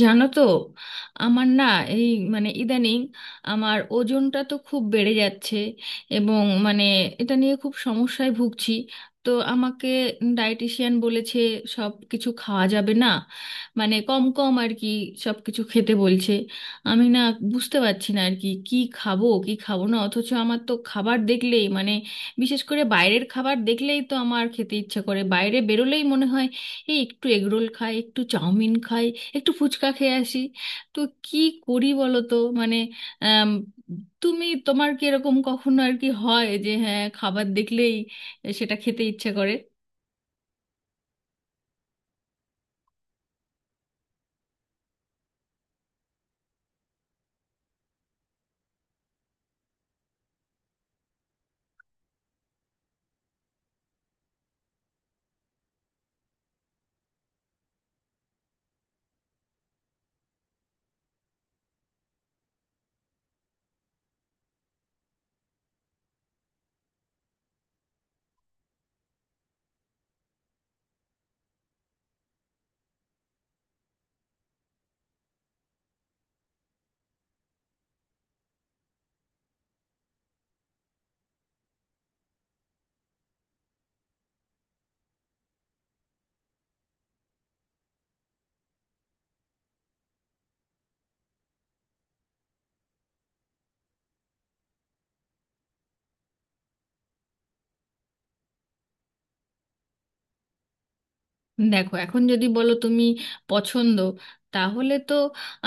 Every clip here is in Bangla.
জানো তো, আমার না এই মানে ইদানিং আমার ওজনটা তো খুব বেড়ে যাচ্ছে। এবং মানে এটা নিয়ে খুব সমস্যায় ভুগছি। তো আমাকে ডায়েটিশিয়ান বলেছে সব কিছু খাওয়া যাবে না, মানে কম কম আর কি সব কিছু খেতে বলছে। আমি না বুঝতে পারছি না আর কি কি খাবো কি খাবো না, অথচ আমার তো খাবার দেখলেই মানে বিশেষ করে বাইরের খাবার দেখলেই তো আমার খেতে ইচ্ছা করে। বাইরে বেরোলেই মনে হয় এই একটু এগরোল খাই, একটু চাউমিন খাই, একটু ফুচকা খেয়ে আসি। তো কি করি বলো তো? মানে আম, তুমি তোমার কি এরকম কখনো আর কি হয় যে হ্যাঁ খাবার দেখলেই সেটা খেতে ইচ্ছে করে? দেখো এখন যদি বলো তুমি পছন্দ, তাহলে তো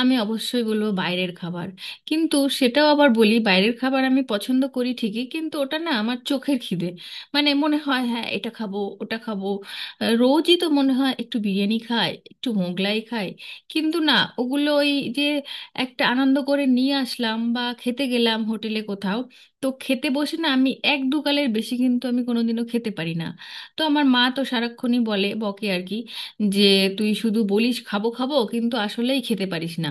আমি অবশ্যই বলবো বাইরের খাবার। কিন্তু সেটাও আবার বলি, বাইরের খাবার আমি পছন্দ করি ঠিকই, কিন্তু ওটা না আমার চোখের খিদে। মানে মনে হয় হ্যাঁ এটা খাবো ওটা খাবো। রোজই তো মনে হয় একটু বিরিয়ানি খাই একটু মোগলাই খাই। কিন্তু না, ওগুলো ওই যে একটা আনন্দ করে নিয়ে আসলাম বা খেতে গেলাম হোটেলে কোথাও, তো খেতে বসে না আমি এক দু গালের বেশি কিন্তু আমি কোনোদিনও খেতে পারি না। তো আমার মা তো সারাক্ষণই বলে, বকে আর কি, যে তুই শুধু বলিস খাবো খাবো কিন্তু আসলেই খেতে পারিস না।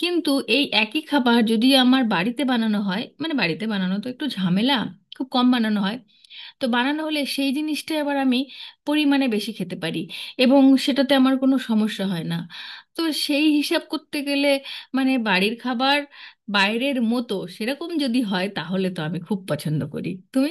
কিন্তু এই একই খাবার যদি আমার বাড়িতে বানানো হয়, মানে বাড়িতে বানানো তো একটু ঝামেলা, খুব কম বানানো হয়। তো বানানো হলে সেই জিনিসটা এবার আমি পরিমাণে বেশি খেতে পারি এবং সেটাতে আমার কোনো সমস্যা হয় না। তো সেই হিসাব করতে গেলে মানে বাড়ির খাবার বাইরের মতো সেরকম যদি হয় তাহলে তো আমি খুব পছন্দ করি। তুমি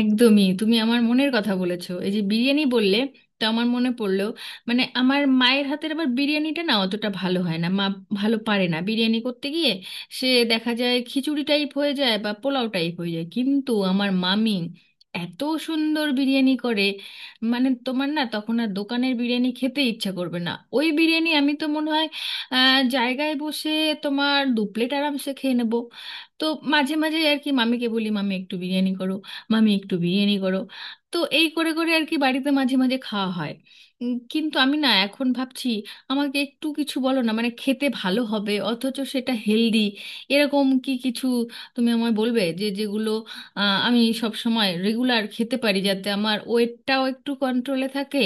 একদমই তুমি আমার মনের কথা বলেছো, এই যে বিরিয়ানি বললে তা আমার মনে পড়লো। মানে আমার মায়ের হাতের আবার বিরিয়ানিটা না অতটা ভালো হয় না, মা ভালো পারে না বিরিয়ানি করতে গিয়ে, সে দেখা যায় খিচুড়ি টাইপ হয়ে যায় বা পোলাও টাইপ হয়ে যায়। কিন্তু আমার মামি এত সুন্দর বিরিয়ানি করে, মানে তোমার না তখন আর দোকানের বিরিয়ানি খেতে ইচ্ছা করবে না। ওই বিরিয়ানি আমি তো মনে হয় জায়গায় বসে তোমার দু প্লেট আরামসে খেয়ে নেবো। তো মাঝে মাঝে আর কি মামিকে বলি, মামি একটু বিরিয়ানি করো, মামি একটু বিরিয়ানি করো। তো এই করে করে আর কি বাড়িতে মাঝে মাঝে খাওয়া হয়। কিন্তু আমি না এখন ভাবছি আমাকে একটু কিছু বলো না মানে খেতে ভালো হবে অথচ সেটা হেলদি, এরকম কি কিছু তুমি আমায় বলবে যে যেগুলো আমি সব সময় রেগুলার খেতে পারি যাতে আমার ওয়েটটাও একটু কন্ট্রোলে থাকে,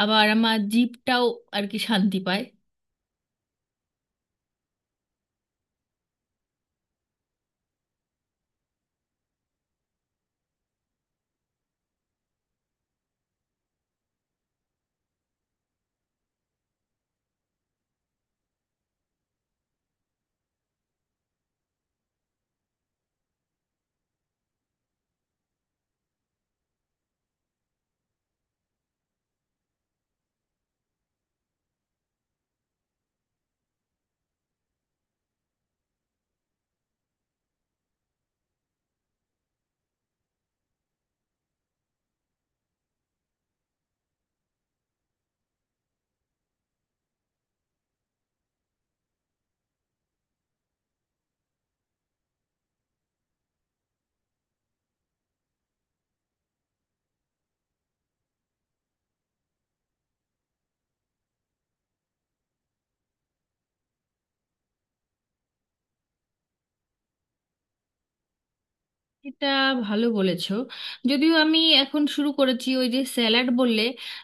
আবার আমার জিভটাও আর কি শান্তি পায়। এটা ভালো বলেছো। যদিও আমি এখন শুরু করেছি, ওই যে স্যালাড বললে,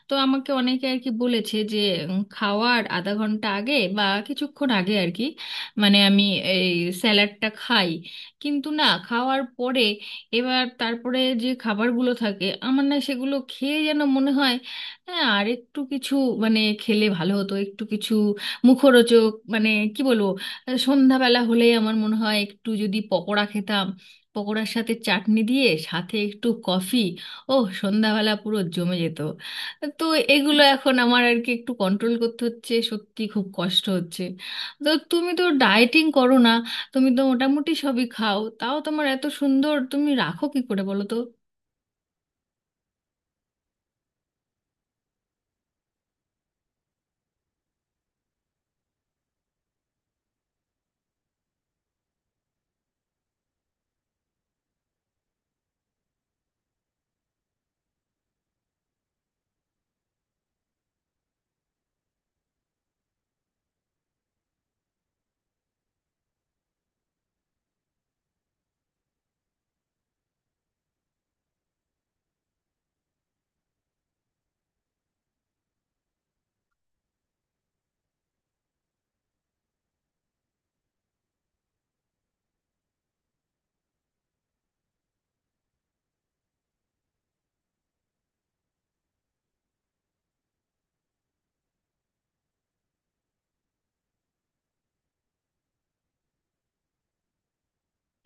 তো আমাকে অনেকে আর কি বলেছে যে খাওয়ার আধা ঘন্টা আগে বা কিছুক্ষণ আগে আর কি মানে আমি এই স্যালাডটা খাই। কিন্তু না, খাওয়ার পরে এবার তারপরে যে খাবারগুলো থাকে আমার না সেগুলো খেয়ে যেন মনে হয় হ্যাঁ আর একটু কিছু, মানে খেলে ভালো হতো একটু কিছু মুখরোচক, মানে কি বলবো, সন্ধ্যাবেলা হলে আমার মনে হয় একটু যদি পকোড়া খেতাম, পকোড়ার সাথে চাটনি দিয়ে সাথে একটু কফি, ও সন্ধ্যাবেলা পুরো জমে যেত। তো এগুলো এখন আমার আর কি একটু কন্ট্রোল করতে হচ্ছে, সত্যি খুব কষ্ট হচ্ছে। তো তুমি তো ডায়েটিং করো না, তুমি তো মোটামুটি সবই খাও, তাও তোমার এত সুন্দর তুমি রাখো কি করে বলো তো?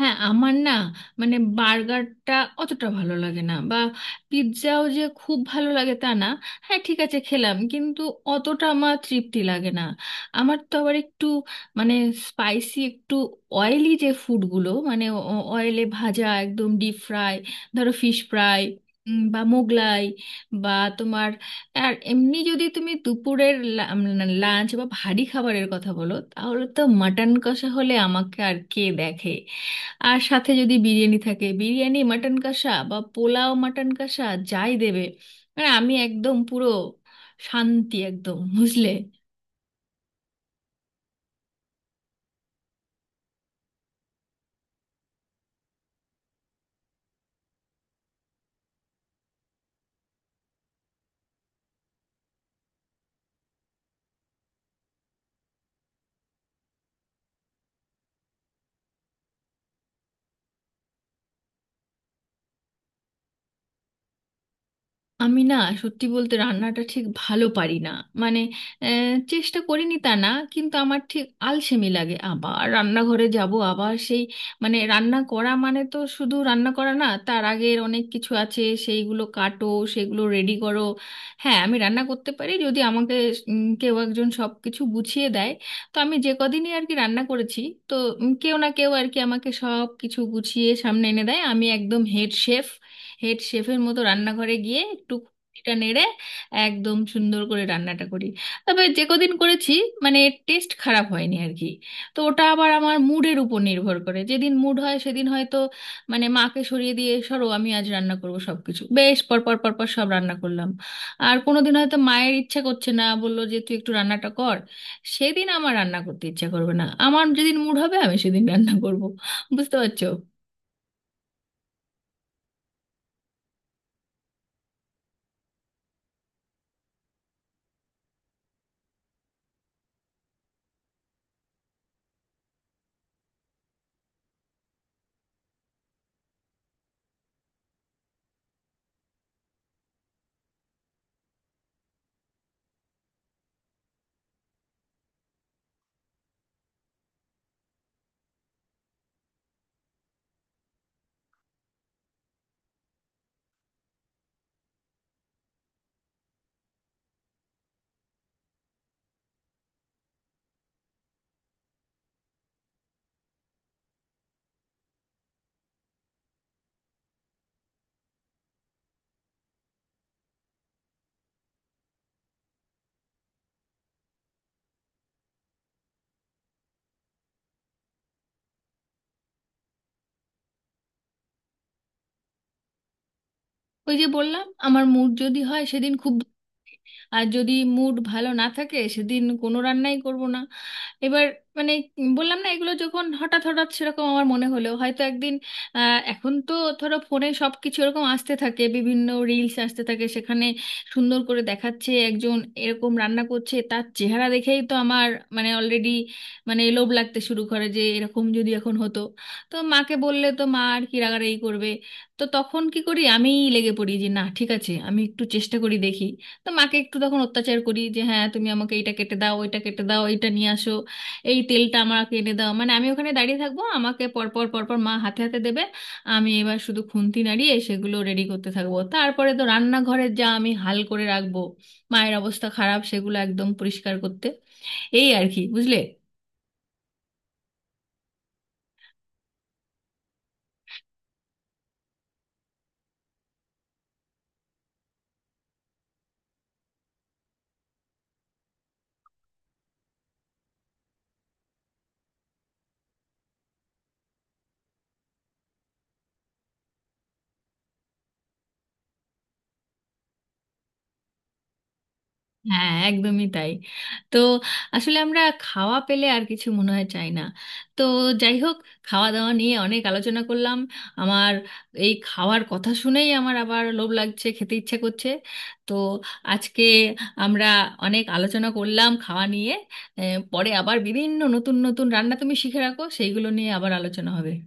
হ্যাঁ আমার না মানে বার্গারটা অতটা ভালো লাগে না, বা পিৎজাও যে খুব ভালো লাগে তা না। হ্যাঁ ঠিক আছে খেলাম, কিন্তু অতটা আমার তৃপ্তি লাগে না। আমার তো আবার একটু মানে স্পাইসি একটু অয়েলি যে ফুডগুলো, মানে অয়েলে ভাজা একদম ডিপ ফ্রাই, ধরো ফিশ ফ্রাই বা মোগলাই বা তোমার, আর এমনি যদি তুমি দুপুরের লাঞ্চ বা ভারী খাবারের কথা বলো তাহলে তো মাটন কষা হলে আমাকে আর কে দেখে। আর সাথে যদি বিরিয়ানি থাকে, বিরিয়ানি মাটন কষা বা পোলাও মাটন কষা, যাই দেবে মানে আমি একদম পুরো শান্তি, একদম, বুঝলে। আমি না সত্যি বলতে রান্নাটা ঠিক ভালো পারি না। মানে চেষ্টা করিনি তা না, কিন্তু আমার ঠিক আলসেমি লাগে আবার রান্নাঘরে যাব আবার সেই, মানে রান্না করা মানে তো শুধু রান্না করা না, তার আগের অনেক কিছু আছে, সেইগুলো কাটো, সেগুলো রেডি করো। হ্যাঁ আমি রান্না করতে পারি যদি আমাকে কেউ একজন সব কিছু গুছিয়ে দেয়। তো আমি যে কদিনই আর কি রান্না করেছি, তো কেউ না কেউ আর কি আমাকে সব কিছু গুছিয়ে সামনে এনে দেয়, আমি একদম হেড শেফ, হেড শেফের মতো রান্নাঘরে গিয়ে একটু খুঁটিটা নেড়ে একদম সুন্দর করে রান্নাটা করি। তবে যে কদিন করেছি মানে টেস্ট খারাপ হয়নি আর কি। তো ওটা আবার আমার মুডের উপর নির্ভর করে, যেদিন মুড হয় সেদিন হয়তো, মানে মাকে সরিয়ে দিয়ে সরো আমি আজ রান্না করব, সব কিছু বেশ পর পর পর পর সব রান্না করলাম। আর কোনোদিন হয়তো মায়ের ইচ্ছা করছে না, বললো যে তুই একটু রান্নাটা কর, সেদিন আমার রান্না করতে ইচ্ছা করবে না। আমার যেদিন মুড হবে আমি সেদিন রান্না করব, বুঝতে পারছো? ওই যে বললাম আমার মুড যদি হয় সেদিন খুব, আর যদি মুড ভালো না থাকে সেদিন কোনো রান্নাই করব না। এবার মানে বললাম না এগুলো যখন হঠাৎ হঠাৎ সেরকম আমার মনে হলো হয়তো একদিন, এখন তো ধরো ফোনে সব কিছু এরকম আসতে থাকে, বিভিন্ন রিলস আসতে থাকে, সেখানে সুন্দর করে দেখাচ্ছে একজন এরকম রান্না করছে, তার চেহারা দেখেই তো আমার মানে অলরেডি মানে লোভ লাগতে শুরু করে যে এরকম যদি এখন হতো। তো মাকে বললে তো মা আর কি রাগারাগি করবে, তো তখন কি করি, আমিই লেগে পড়ি যে না ঠিক আছে আমি একটু চেষ্টা করি দেখি। তো মাকে একটু তখন অত্যাচার করি যে হ্যাঁ তুমি আমাকে এটা কেটে দাও, ওইটা কেটে দাও, এটা নিয়ে আসো, এই তেলটা আমাকে এনে দাও, মানে আমি ওখানে দাঁড়িয়ে থাকবো, আমাকে পরপর পরপর মা হাতে হাতে দেবে, আমি এবার শুধু খুন্তি নাড়িয়ে সেগুলো রেডি করতে থাকবো। তারপরে তো রান্নাঘরের যা আমি হাল করে রাখবো, মায়ের অবস্থা খারাপ সেগুলো একদম পরিষ্কার করতে, এই আর কি, বুঝলে। হ্যাঁ একদমই তাই। তো আসলে আমরা খাওয়া পেলে আর কিছু মনে হয় চাই না। তো যাই হোক, খাওয়া দাওয়া নিয়ে অনেক আলোচনা করলাম, আমার এই খাওয়ার কথা শুনেই আমার আবার লোভ লাগছে, খেতে ইচ্ছে করছে। তো আজকে আমরা অনেক আলোচনা করলাম খাওয়া নিয়ে। এ, পরে আবার বিভিন্ন নতুন নতুন রান্না তুমি শিখে রাখো, সেইগুলো নিয়ে আবার আলোচনা হবে।